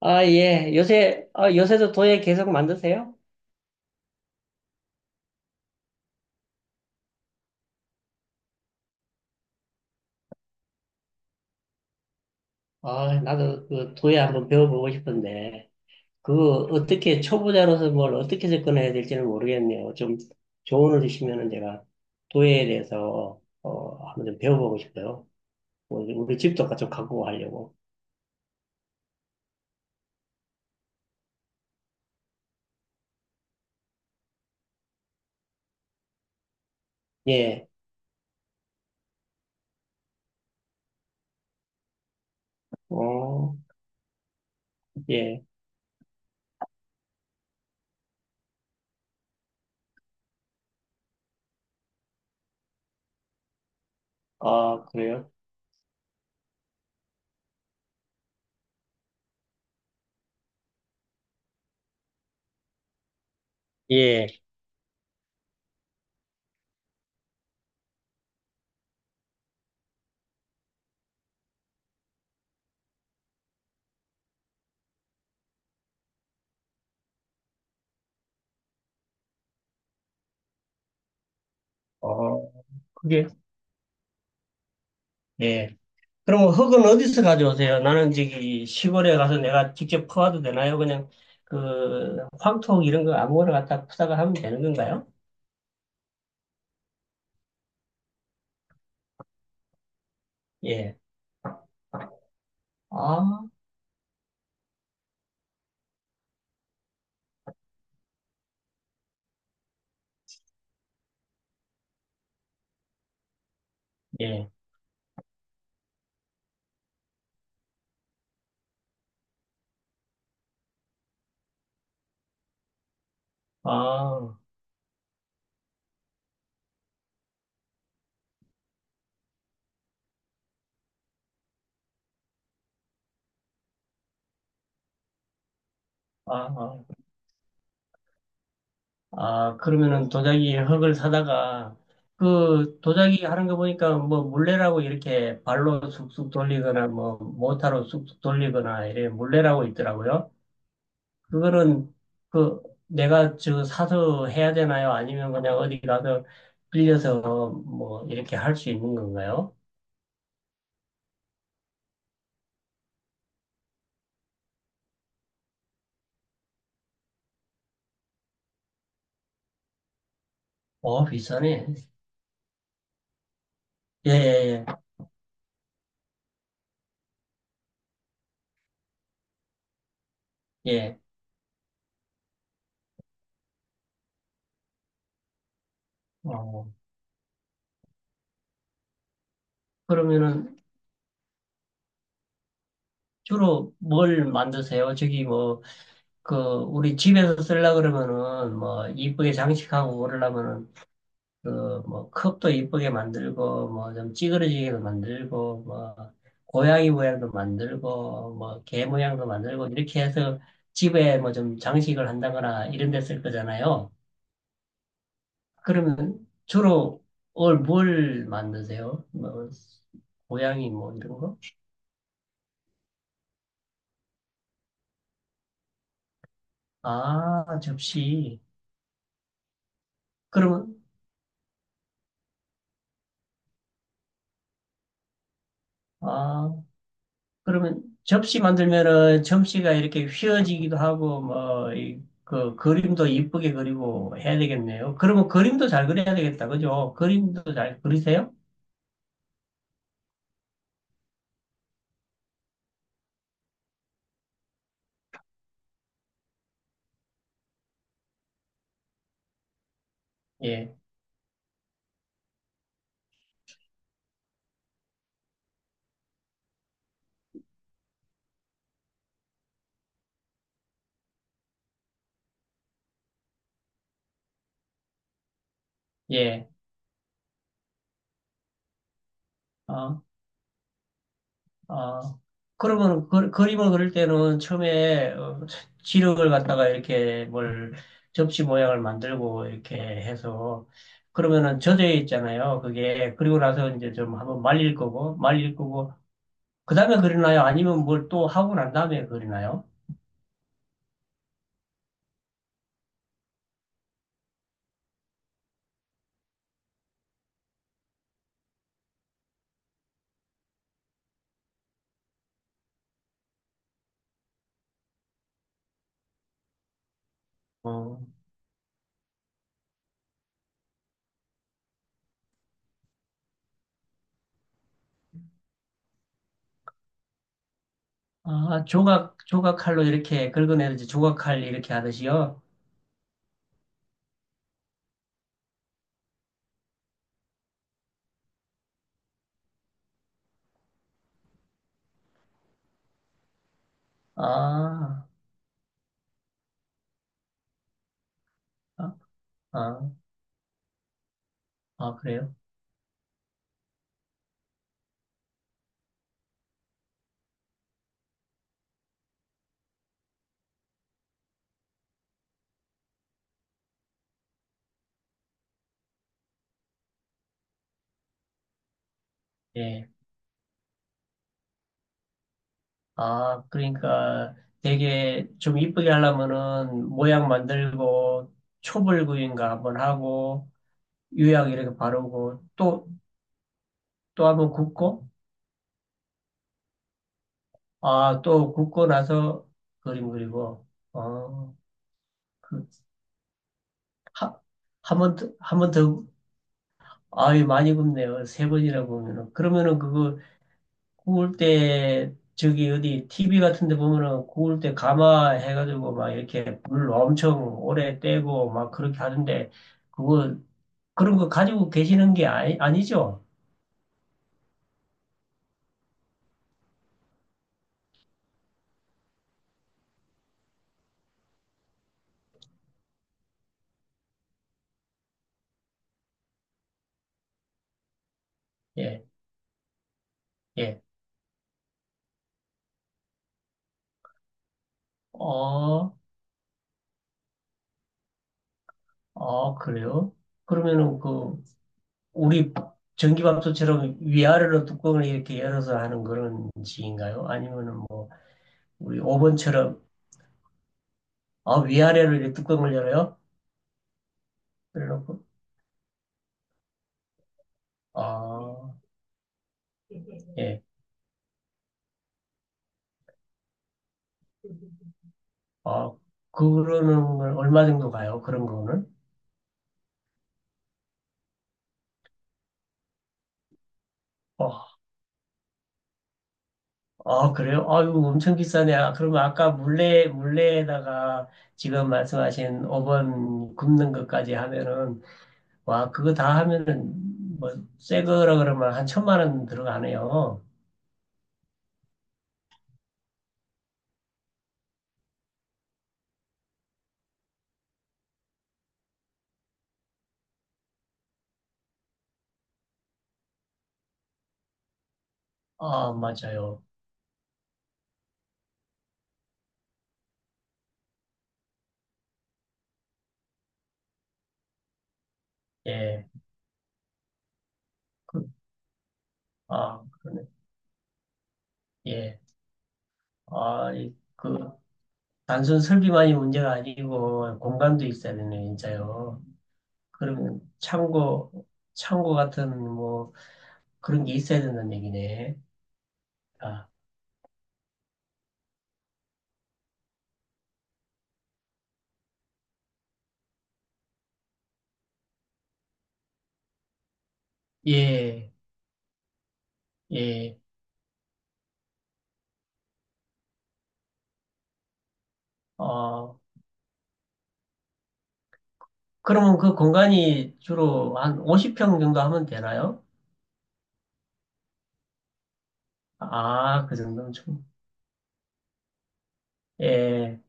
아, 예. 요새도 도예 계속 만드세요? 아, 나도 그 도예 한번 배워보고 싶은데, 그거 어떻게, 초보자로서 뭘 어떻게 접근해야 될지는 모르겠네요. 좀 조언을 주시면은 제가 도예에 대해서, 한번 좀 배워보고 싶어요. 우리 집도 같이 갖고 가려고. 예. 어, 예. 아, 그래요? 예. 어, 그게, 예. 그럼 흙은 어디서 가져오세요? 나는 저기 시골에 가서 내가 직접 퍼와도 되나요? 그냥 그 황토 이런 거 아무거나 갖다 푸다가 하면 되는 건가요? 예. 아, 예. 아, 아, 아. 아, 그러면은 도자기 흙을 사다가 그 도자기 하는 거 보니까 뭐 물레라고 이렇게 발로 쑥쑥 돌리거나 뭐 모타로 쑥쑥 돌리거나 이래 물레라고 있더라고요. 그거는 그 내가 저 사서 해야 되나요? 아니면 그냥 어디 가서 빌려서 뭐 이렇게 할 수 있는 건가요? 어, 비싸네. 예, 예, 예. 예. 어, 그러면은 주로 뭘 만드세요? 저기 뭐 그 우리 집에서 쓰려고 그러면은 뭐 이쁘게 장식하고 그러려면은 그, 뭐, 컵도 이쁘게 만들고, 뭐, 좀 찌그러지게도 만들고, 뭐, 고양이 모양도 만들고, 뭐, 개 모양도 만들고, 이렇게 해서 집에 뭐 좀 장식을 한다거나 이런 데 쓸 거잖아요. 그러면 주로 뭘 만드세요? 뭐, 고양이 뭐 이런 거? 아, 접시. 그러면, 아, 그러면 접시 만들면은 접시가 이렇게 휘어지기도 하고 뭐 이 그 그림도 이쁘게 그리고 해야 되겠네요. 그러면 그림도 잘 그려야 되겠다. 그죠? 그림도 잘 그리세요? 예. 예. 어, 어. 그러면 그림을 그릴 때는 처음에 지력을 갖다가 이렇게 뭘 접시 모양을 만들고 이렇게 해서 그러면은 젖어 있잖아요. 그게 그리고 나서 이제 좀 한번 말릴 거고 그다음에 그리나요? 아니면 뭘 또 하고 난 다음에 그리나요? 어. 아, 조각칼로 이렇게 긁어내듯이 조각칼 이렇게 하듯이요? 아, 아, 아, 아, 그래요? 예. 아, 그러니까 되게 좀 이쁘게 하려면은 모양 만들고 초벌 구인가 한번 하고 유약 이렇게 바르고 또, 또 한번 굽고 아, 또 굽고 나서 그림 그리고 어, 그, 하, 한번 더 아유, 많이 굽네요. 세 번이나 구우면은. 그러면은 그거 구울 때, 저기 어디 TV 같은 데 보면은 구울 때 가마 해가지고 막 이렇게 물 엄청 오래 떼고 막 그렇게 하던데, 그거, 그런 거 가지고 계시는 게 아니, 아니죠? 예, 예. 어, 아 그래요? 그러면은 그, 우리 전기밥솥처럼 위아래로 뚜껑을 이렇게 열어서 하는 그런 식인가요? 아니면은 뭐, 우리 오븐처럼, 아, 위아래로 이렇게 뚜껑을 열어요? 그래놓고 아, 예. 아, 그러는 걸 얼마 정도 가요? 그런 거는? 어, 아, 그래요? 아유, 엄청 비싸네. 아, 그러면 아까 물레에다가 지금 말씀하신 5번 굽는 것까지 하면은, 와, 그거 다 하면은, 뭐, 새 거라 그러면 한 1,000만 원 들어가네요. 아, 맞아요. 예. 그, 아, 그러네. 예. 아, 단순 설비만이 문제가 아니고, 공간도 있어야 되네, 진짜요. 그러면 창고 같은 뭐 그런 게 있어야 된다는 얘기네. 아, 예, 예. 어, 그러면 그 공간이 주로 한 50평 정도 하면 되나요? 아, 그 정도면 좀, 예.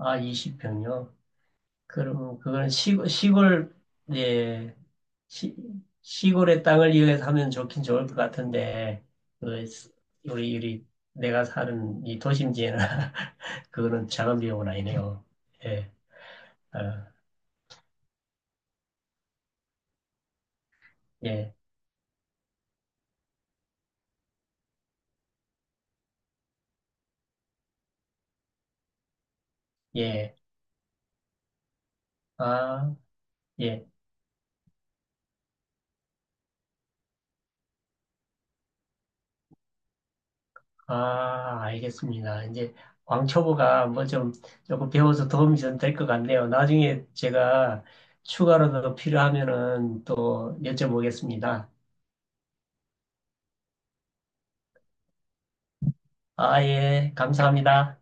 아, 20평요. 그러면 그건 시골, 예. 시, 시골의 땅을 이용해서 하면 좋긴 좋을 것 같은데, 그, 우리, 우리, 내가 사는 이 도심지에는 그거는 작은 비용은 아니네요. 예. 아, 예, 예, 아, 예, 아, 알겠습니다. 이제 왕초보가 뭐 좀 조금 배워서 도움이 좀 될 것 같네요. 나중에 제가 추가로 더 필요하면은 또 여쭤보겠습니다. 아, 예, 감사합니다.